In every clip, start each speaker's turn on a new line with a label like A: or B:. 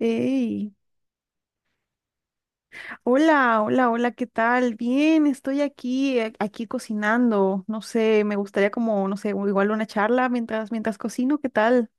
A: Hey, hola, hola, hola, ¿qué tal? Bien, estoy aquí cocinando. No sé, me gustaría como, no sé, igual una charla mientras cocino, ¿qué tal?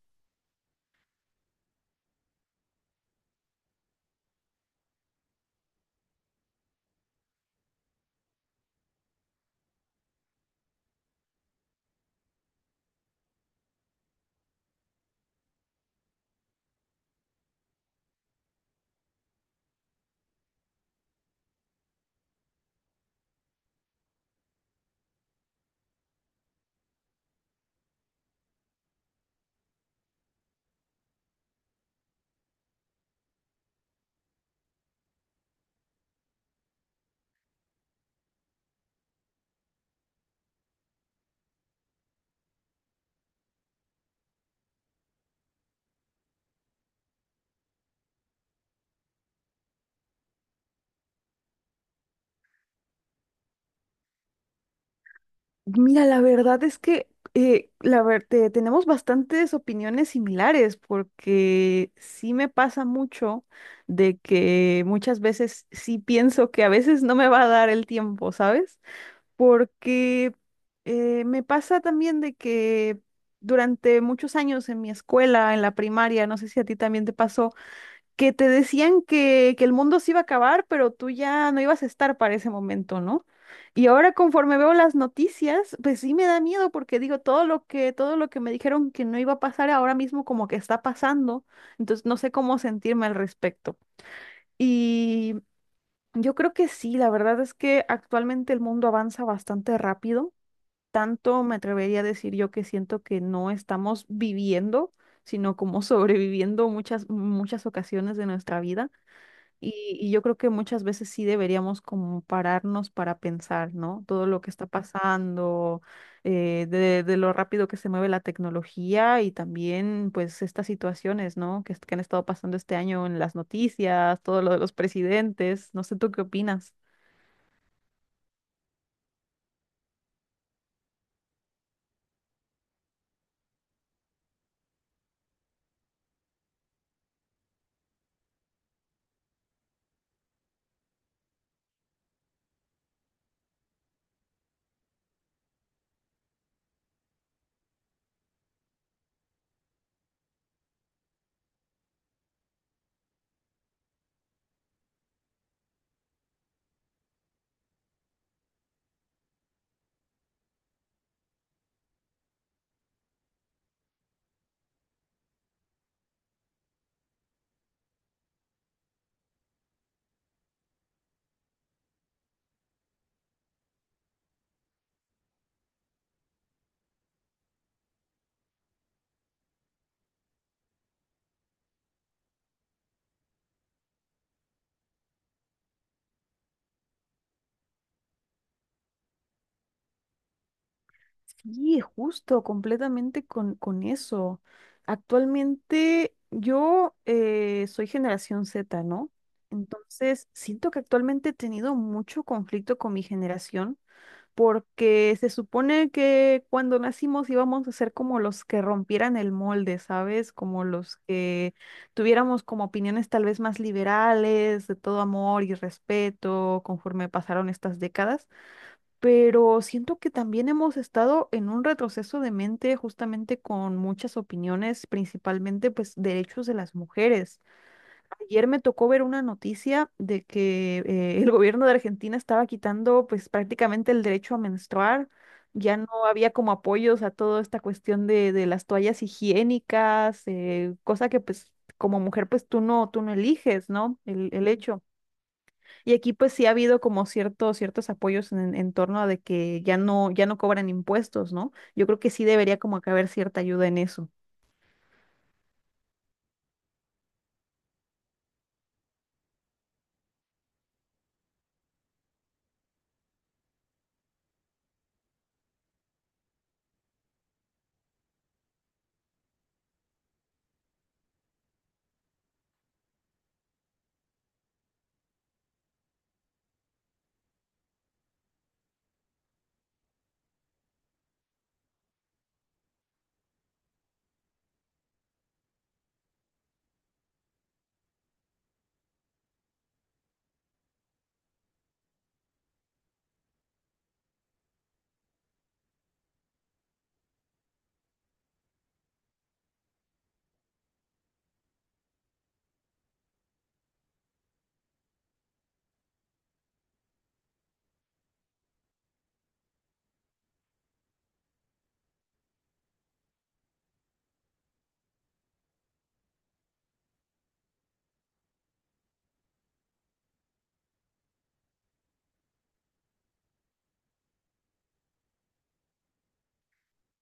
A: Mira, la verdad es que tenemos bastantes opiniones similares porque sí me pasa mucho de que muchas veces sí pienso que a veces no me va a dar el tiempo, ¿sabes? Porque me pasa también de que durante muchos años en mi escuela, en la primaria, no sé si a ti también te pasó, que te decían que el mundo se iba a acabar, pero tú ya no ibas a estar para ese momento, ¿no? Y ahora conforme veo las noticias, pues sí me da miedo porque digo todo lo que me dijeron que no iba a pasar ahora mismo como que está pasando, entonces no sé cómo sentirme al respecto. Y yo creo que sí, la verdad es que actualmente el mundo avanza bastante rápido, tanto me atrevería a decir yo que siento que no estamos viviendo, sino como sobreviviendo muchas, muchas ocasiones de nuestra vida. Y yo creo que muchas veces sí deberíamos como pararnos para pensar, ¿no? Todo lo que está pasando, de lo rápido que se mueve la tecnología y también pues estas situaciones, ¿no? Que han estado pasando este año en las noticias, todo lo de los presidentes. No sé, ¿tú qué opinas? Sí, justo, completamente con eso. Actualmente yo soy generación Z, ¿no? Entonces, siento que actualmente he tenido mucho conflicto con mi generación porque se supone que cuando nacimos íbamos a ser como los que rompieran el molde, ¿sabes? Como los que tuviéramos como opiniones tal vez más liberales, de todo amor y respeto, conforme pasaron estas décadas, pero siento que también hemos estado en un retroceso de mente justamente con muchas opiniones, principalmente pues derechos de las mujeres. Ayer me tocó ver una noticia de que el gobierno de Argentina estaba quitando pues prácticamente el derecho a menstruar. Ya no había como apoyos a toda esta cuestión de las toallas higiénicas, cosa que pues como mujer pues tú no eliges, ¿no? El hecho. Y aquí pues sí ha habido como ciertos, ciertos apoyos en torno a de que ya no, ya no cobran impuestos, ¿no? Yo creo que sí debería como que haber cierta ayuda en eso.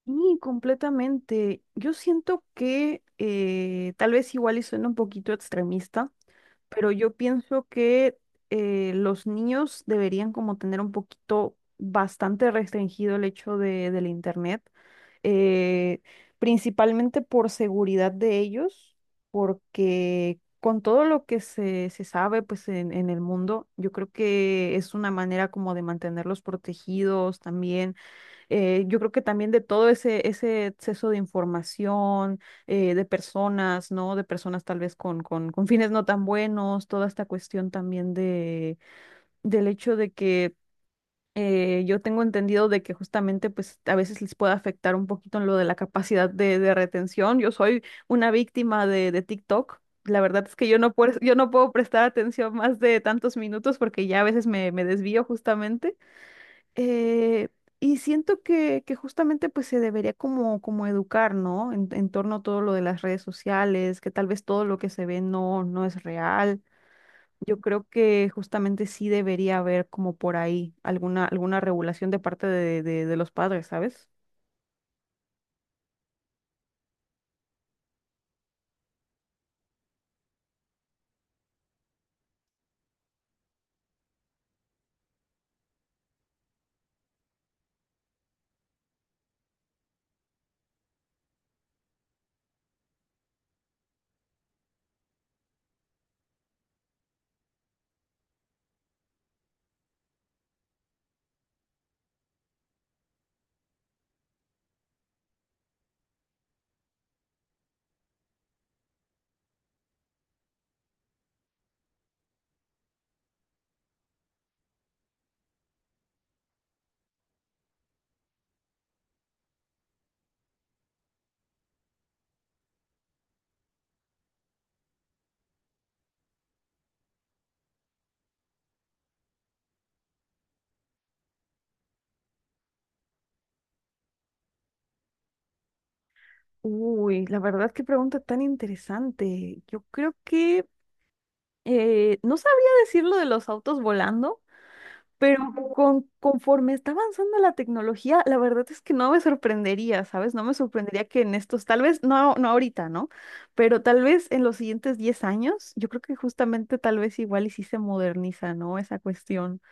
A: Y completamente. Yo siento que tal vez igual y suena un poquito extremista, pero yo pienso que los niños deberían como tener un poquito bastante restringido el hecho del internet, eh, principalmente por seguridad de ellos, porque con todo lo que se sabe pues en el mundo, yo creo que es una manera como de mantenerlos protegidos también. Yo creo que también de todo ese exceso de información, de personas, ¿no? De personas tal vez con fines no tan buenos, toda esta cuestión también del hecho de que yo tengo entendido de que justamente pues a veces les puede afectar un poquito en lo de la capacidad de retención. Yo soy una víctima de TikTok. La verdad es que yo no puedo prestar atención más de tantos minutos porque ya a veces me desvío justamente. Eh, y siento que justamente pues se debería como educar, ¿no? En torno a todo lo de las redes sociales, que tal vez todo lo que se ve no, no es real. Yo creo que justamente sí debería haber como por ahí alguna regulación de parte de los padres, ¿sabes? Uy, la verdad, qué pregunta tan interesante. Yo creo que no sabría decir lo de los autos volando. Pero conforme está avanzando la tecnología, la verdad es que no me sorprendería, ¿sabes? No me sorprendería que en estos, tal vez, no, no ahorita, ¿no? Pero tal vez en los siguientes 10 años, yo creo que justamente tal vez igual y sí se moderniza, ¿no? Esa cuestión.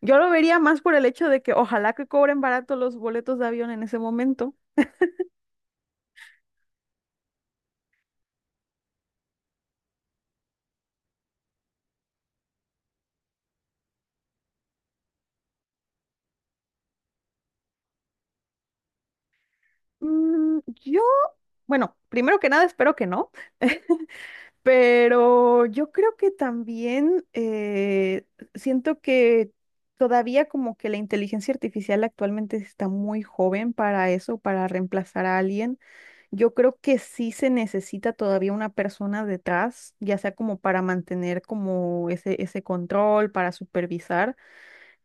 A: Yo lo vería más por el hecho de que ojalá que cobren barato los boletos de avión en ese momento. Mm, yo, bueno, primero que nada espero que no. Pero yo creo que también siento que todavía como que la inteligencia artificial actualmente está muy joven para eso, para reemplazar a alguien. Yo creo que sí se necesita todavía una persona detrás, ya sea como para mantener como ese control, para supervisar.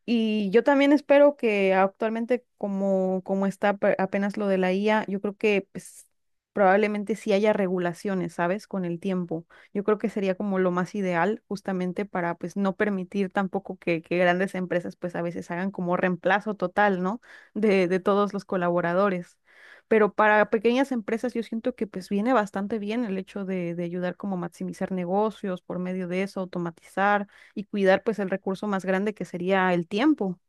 A: Y yo también espero que actualmente, como está apenas lo de la IA, yo creo que pues, probablemente sí haya regulaciones, ¿sabes? Con el tiempo. Yo creo que sería como lo más ideal justamente para pues no permitir tampoco que grandes empresas pues a veces hagan como reemplazo total, ¿no? De todos los colaboradores. Pero para pequeñas empresas yo siento que pues viene bastante bien el hecho de ayudar como a maximizar negocios por medio de eso, automatizar y cuidar pues el recurso más grande que sería el tiempo.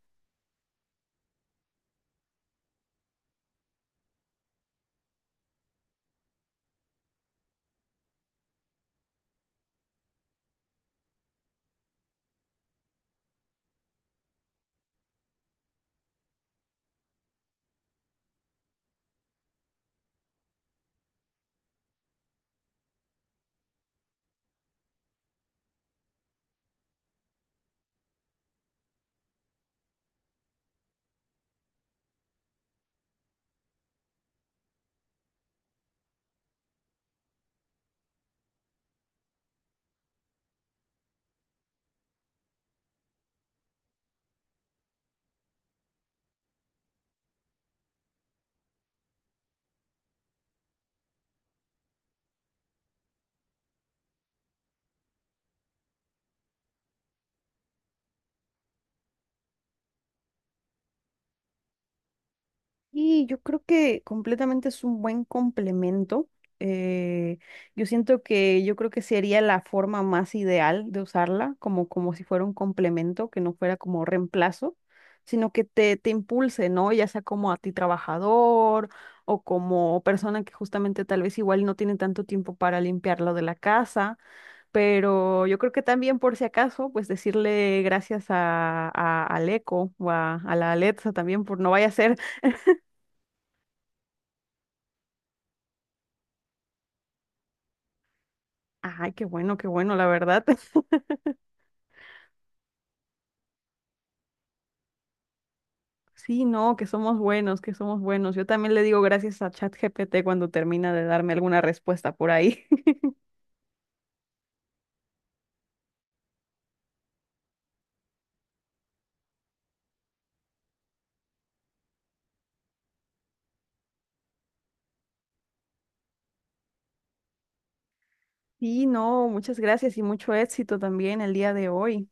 A: Y yo creo que completamente es un buen complemento. eh, yo siento que yo creo que sería la forma más ideal de usarla, como si fuera un complemento, que no fuera como reemplazo, sino que te impulse, ¿no? Ya sea como a ti trabajador o como persona que justamente tal vez igual no tiene tanto tiempo para limpiar lo de la casa. Pero yo creo que también por si acaso, pues decirle gracias al eco o a la Alexa también por no vaya a ser, ay, qué bueno, la verdad. Sí, no, que somos buenos, que somos buenos. Yo también le digo gracias a ChatGPT cuando termina de darme alguna respuesta por ahí. Sí, no, muchas gracias y mucho éxito también el día de hoy.